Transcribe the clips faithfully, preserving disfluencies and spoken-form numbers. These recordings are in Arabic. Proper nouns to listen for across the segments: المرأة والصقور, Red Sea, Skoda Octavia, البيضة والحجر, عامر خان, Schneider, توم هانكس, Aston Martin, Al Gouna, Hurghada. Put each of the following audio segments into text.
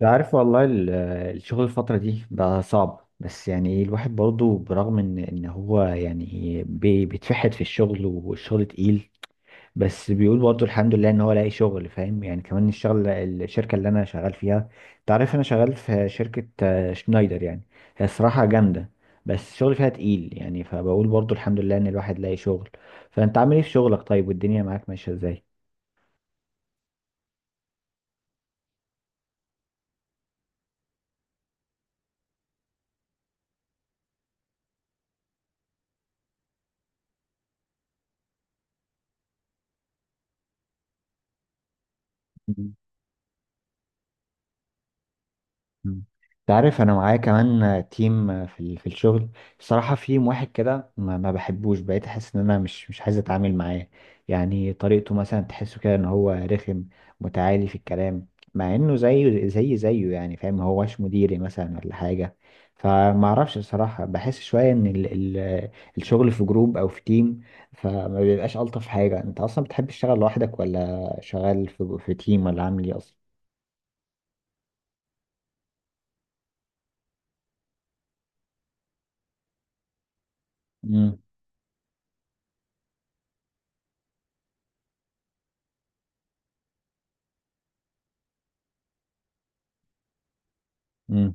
أنت عارف والله ال- الشغل الفترة دي بقى صعب، بس يعني إيه، الواحد برضه برغم ان ان هو يعني بي- بيتفحت في الشغل والشغل تقيل، بس بيقول برضه الحمد لله ان هو لاقي شغل، فاهم؟ يعني كمان الشغل الشركة اللي انا شغال فيها، انت عارف انا شغال في شركة آه، شنايدر يعني. هي الصراحة جامدة، بس الشغل فيها تقيل يعني، فبقول برضه الحمد لله ان الواحد لاقي شغل. فانت عامل ايه في شغلك طيب، والدنيا معاك ماشية ازاي؟ مم. انت عارف انا معايا كمان تيم في ال- في الشغل، الصراحه في واحد كده ما, ما بحبوش، بقيت احس ان انا مش مش عايز اتعامل معاه. يعني طريقته مثلا تحسه كده ان هو رخم، متعالي في الكلام، مع انه زيه زي زيه يعني، فاهم؟ ما هوش مديري مثلا ولا حاجه، فما اعرفش الصراحه، بحس شويه ان ال ال الشغل في جروب او في تيم، فما بيبقاش الطف حاجه. انت اصلا بتحب تشتغل لوحدك ولا شغال في في تيم، ولا عامل ايه اصلا؟ امم، امم،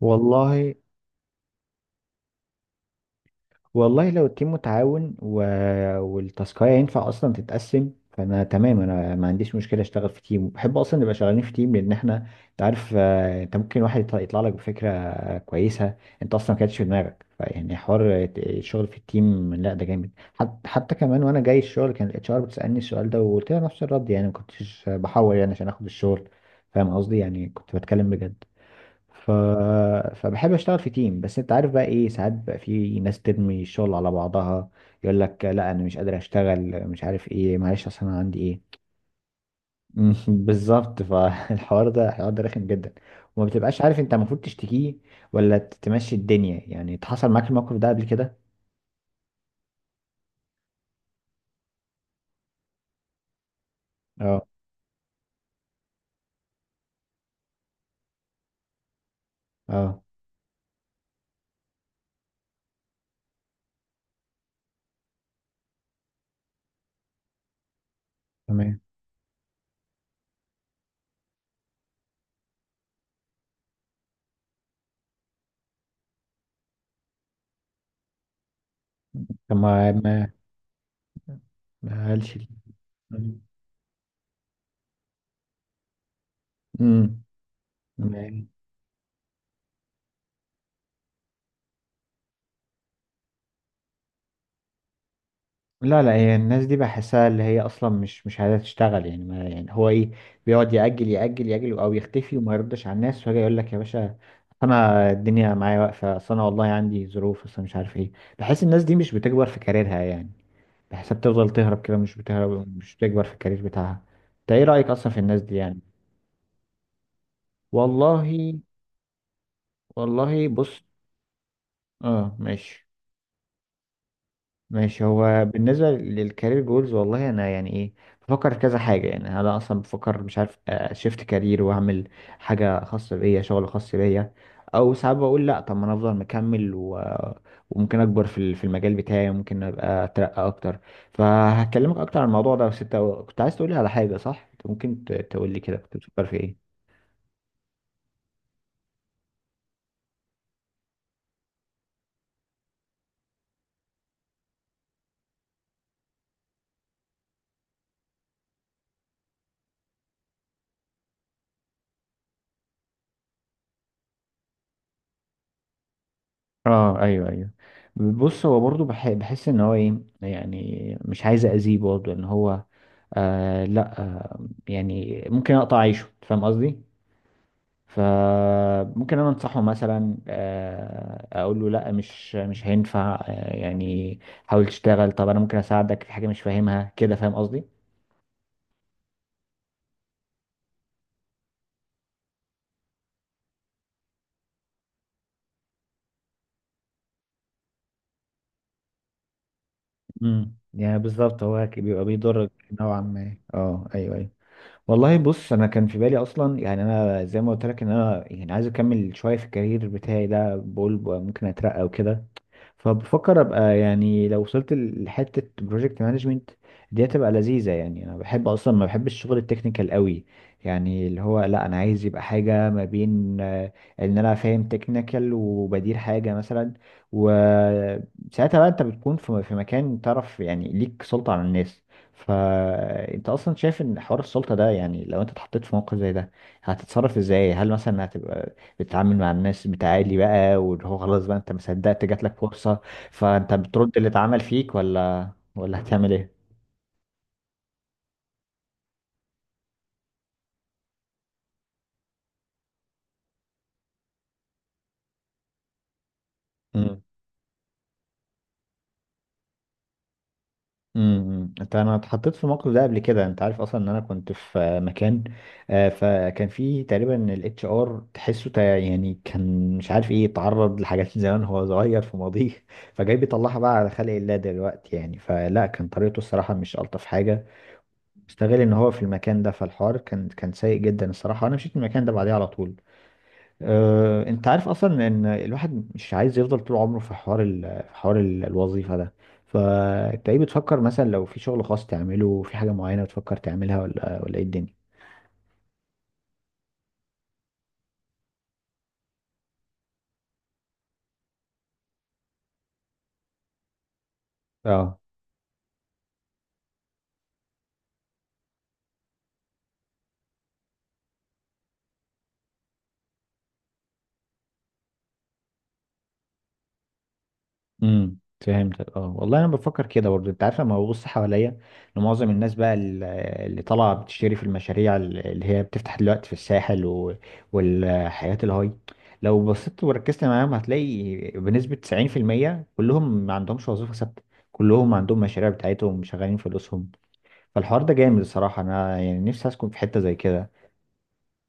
والله، والله لو التيم متعاون و... والتاسكاية ينفع اصلا تتقسم، فانا تمام، انا ما عنديش مشكله اشتغل في تيم، وبحب اصلا نبقى شغالين في تيم، لان احنا انت عارف، آه، انت ممكن واحد يطلع يطلع لك بفكره آه، كويسه، انت اصلا ما كانتش في دماغك، فيعني حوار آه، الشغل في التيم لا ده جامد. حت... حتى كمان وانا جاي الشغل، كان الاتش ار بتسالني السؤال ده، وقلت لها نفس الرد، يعني ما كنتش بحور يعني عشان اخد الشغل، فاهم قصدي؟ يعني كنت بتكلم بجد. ف... فبحب اشتغل في تيم، بس انت عارف بقى ايه، ساعات بقى في ناس ترمي الشغل على بعضها، يقول لك لا انا مش قادر اشتغل، مش عارف ايه، معلش اصل انا عندي ايه. مم، بالظبط، فالحوار ده، الحوار ده رخم جدا، وما بتبقاش عارف انت المفروض تشتكيه ولا تمشي الدنيا. يعني اتحصل معاك الموقف ده قبل كده؟ اه، اه، تمام. طب ما ما ما قالش لي. امم. لا لا هي الناس دي، بحسها اللي هي اصلا مش مش عايزه تشتغل يعني، ما يعني هو ايه، بيقعد يأجل يأجل يأجل او يختفي وما يردش على الناس، ويجي يقول لك يا باشا انا الدنيا معايا واقفه، اصل انا والله عندي ظروف، اصل مش عارف ايه. بحس الناس دي مش بتكبر في كاريرها يعني، بحسها بتفضل تهرب كده، مش بتهرب، مش بتكبر في الكارير بتاعها. انت ايه رأيك اصلا في الناس دي يعني؟ والله، والله بص، اه ماشي، ماشي. هو بالنسبة للكارير جولز، والله أنا يعني إيه، بفكر في كذا حاجة، يعني أنا أصلا بفكر، مش عارف، شيفت كارير وأعمل حاجة خاصة بيا، شغل خاص بيا، أو ساعات بقول لأ، طب ما أنا أفضل مكمل و... وممكن أكبر في ال- في المجال بتاعي، وممكن أبقى أترقى أكتر. فهكلمك أكتر عن الموضوع ده، بس أنت كنت عايز تقولي على حاجة، صح؟ أنت ممكن ت- تقولي كده، كنت بتفكر في إيه؟ اه ايوه ايوه. بص هو برضو بح- بحس ان هو ايه يعني، مش عايز اذيه برضو ان هو، آه لا آه، يعني ممكن اقطع عيشه، فاهم قصدي؟ فممكن انا انصحه مثلا، آه اقول له لا، مش مش هينفع آه يعني، حاول تشتغل، طب انا ممكن اساعدك في حاجه مش فاهمها كده، فاهم قصدي؟ امم، يعني بالظبط، هو بيبقى بيضرك نوعا ما، اه ايوه. والله بص، انا كان في بالي اصلا يعني، انا زي ما قلت لك ان انا يعني عايز اكمل شويه في الكارير بتاعي ده، بقول ب- ممكن اترقى وكده، فبفكر ابقى يعني لو وصلت لحته بروجكت مانجمنت، دي هتبقى لذيذه يعني. انا بحب اصلا، ما بحبش الشغل التكنيكال قوي، يعني اللي هو لا انا عايز يبقى حاجه ما بين آه، ان انا فاهم تكنيكال وبدير حاجه مثلا، وساعتها بقى انت بتكون في في مكان تعرف يعني، ليك سلطه على الناس. فانت اصلا شايف ان حوار السلطه ده، يعني لو انت اتحطيت في موقف زي ده، هتتصرف ازاي؟ هل مثلا هتبقى بتتعامل مع الناس بتعالي بقى، واللي هو خلاص بقى انت ما صدقت جات لك فرصة، فانت بترد اللي اتعمل فيك ولا ولا هتعمل ايه؟ امم، امم. انت، انا اتحطيت في الموقف ده قبل كده، انت عارف اصلا ان انا كنت في آه، مكان، آه، فكان في تقريبا الاتش ار تحسه تا- يعني كان مش عارف ايه، اتعرض لحاجات من زمان وهو صغير في ماضيه، فجاي بيطلعها بقى على خلق الله دلوقتي يعني. فلا كان طريقته الصراحه مش الطف حاجه، استغل ان هو في المكان ده، فالحوار كان كان سيء جدا الصراحه، انا مشيت من المكان ده بعديه على طول. أه، انت عارف اصلا ان الواحد مش عايز يفضل طول عمره في حوار ال... في حوار ال- الوظيفه ده. فانت ايه بتفكر مثلا لو في شغل خاص تعمله، في حاجه معينه بتفكر تعملها، ولا ولا ايه الدنيا؟ اه، امم، فهمتك. اه والله انا بفكر كده برضه، انت عارف لما ببص حواليا لمعظم الناس بقى، ال- اللي طالعه بتشتري في المشاريع ال- اللي هي بتفتح دلوقتي في الساحل و... والحياه الهاي، لو بصيت وركزت معاهم هتلاقي بنسبه تسعين في المية كلهم ما عندهمش وظيفه ثابته، كلهم عندهم مشاريع بتاعتهم، شغالين فلوسهم. فالحوار ده جامد الصراحه، انا يعني نفسي اسكن في حته زي كده.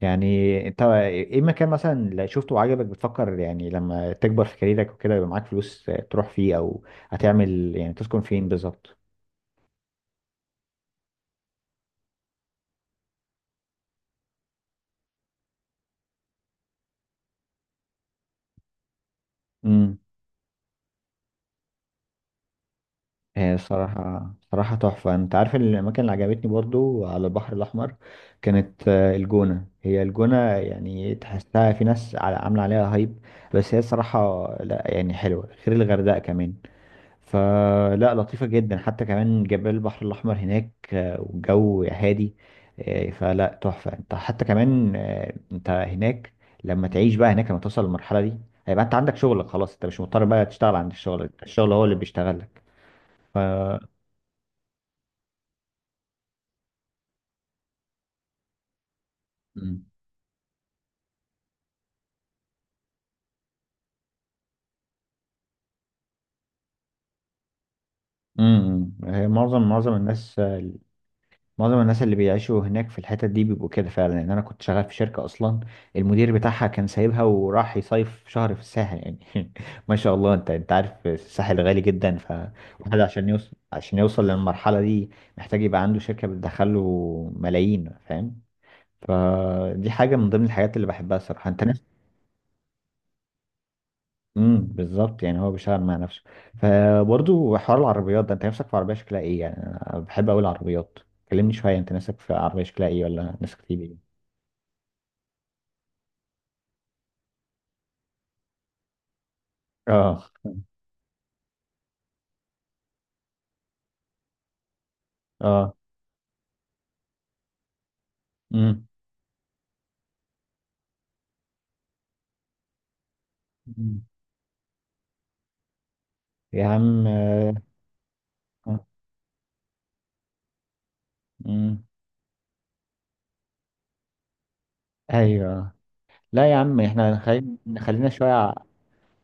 يعني انت ايه مكان مثلا اللي شفته وعجبك، بتفكر يعني لما تكبر في كاريرك وكده يبقى معاك فلوس تروح فيه، او هتعمل يعني تسكن فين بالظبط؟ امم. هي صراحة، صراحة تحفة، انت عارف الاماكن اللي عجبتني برضو على البحر الاحمر، كانت آه، الجونة. هي الجونة يعني تحسها في ناس على- عاملة عليها هايب، بس هي صراحة لا يعني حلوة، غير الغردقة كمان، فلا لطيفة جدا، حتى كمان جبال البحر الأحمر هناك، آه، والجو هادي، آه، فلا تحفة. انت حتى كمان آه، انت هناك لما تعيش بقى هناك، لما توصل للمرحلة دي، هيبقى انت عندك شغلك خلاص، انت مش مضطر بقى تشتغل عند الشغل، الشغل هو اللي بيشتغل لك. امم، أمم. هي معظم معظم الناس آه، معظم الناس اللي بيعيشوا هناك في الحتت دي بيبقوا كده فعلا، لان انا كنت شغال في شركة اصلا، المدير بتاعها كان سايبها وراح يصيف شهر في الساحل يعني. ما شاء الله، انت انت عارف الساحل غالي جدا، فالواحد عشان يوصل عشان يوصل للمرحلة دي محتاج يبقى عنده شركة بتدخله ملايين، فاهم؟ فدي حاجة من ضمن الحاجات اللي بحبها الصراحة. انت نفسك، امم، بالظبط يعني هو بيشتغل مع نفسه. فبرضه حوار العربيات ده، انت نفسك في عربية شكلها ايه يعني؟ انا بحب اوي العربيات، كلمني شوية، انت نفسك في عربية شكلها ايه، ولا نفسك تجيب ايه؟ اه، اه، امم، أمم. يا عم آه، آه، امم، ايوه، لا يا عم، احنا نخلي... نخلينا شويه ع-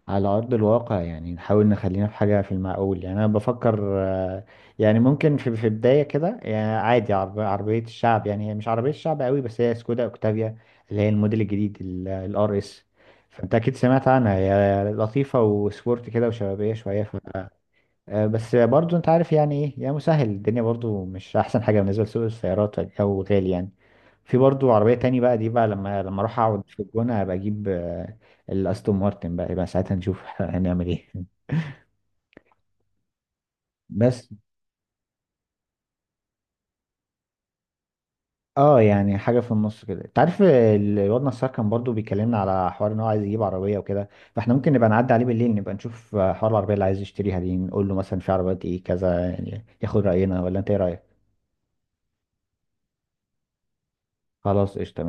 على ارض الواقع يعني، نحاول نخلينا في حاجه في المعقول يعني. انا بفكر آه، يعني ممكن في في بدايه كده يعني، عادي، عرب... عربيه الشعب يعني، هي مش عربيه الشعب قوي بس، هي سكودا اوكتافيا، اللي هي الموديل الجديد، الار اس، فانت اكيد سمعت عنها، هي لطيفه وسبورت كده وشبابيه شويه، آه، بس برضو انت عارف يعني ايه يعني، مسهل الدنيا برضو، مش احسن حاجه بالنسبه لسوق السيارات، او غالي يعني. في برضو عربيه تاني بقى، دي بقى لما لما اروح اقعد في الجونه ابقى اجيب آه، الاستون مارتن بقى، يبقى ساعتها نشوف هنعمل ايه. بس اه، يعني حاجه في النص كده. انت عارف ال- الواد نصار كان برضو بيكلمنا على حوار ان هو عايز يجيب عربيه وكده، فاحنا ممكن نبقى نعدي عليه بالليل، نبقى نشوف آه، حوار العربيه اللي عايز يشتريها دي، نقول له مثلا في عربيات ايه كذا، يعني ياخد راينا، ولا انت ايه رايك؟ خلاص قشطه، ماشي.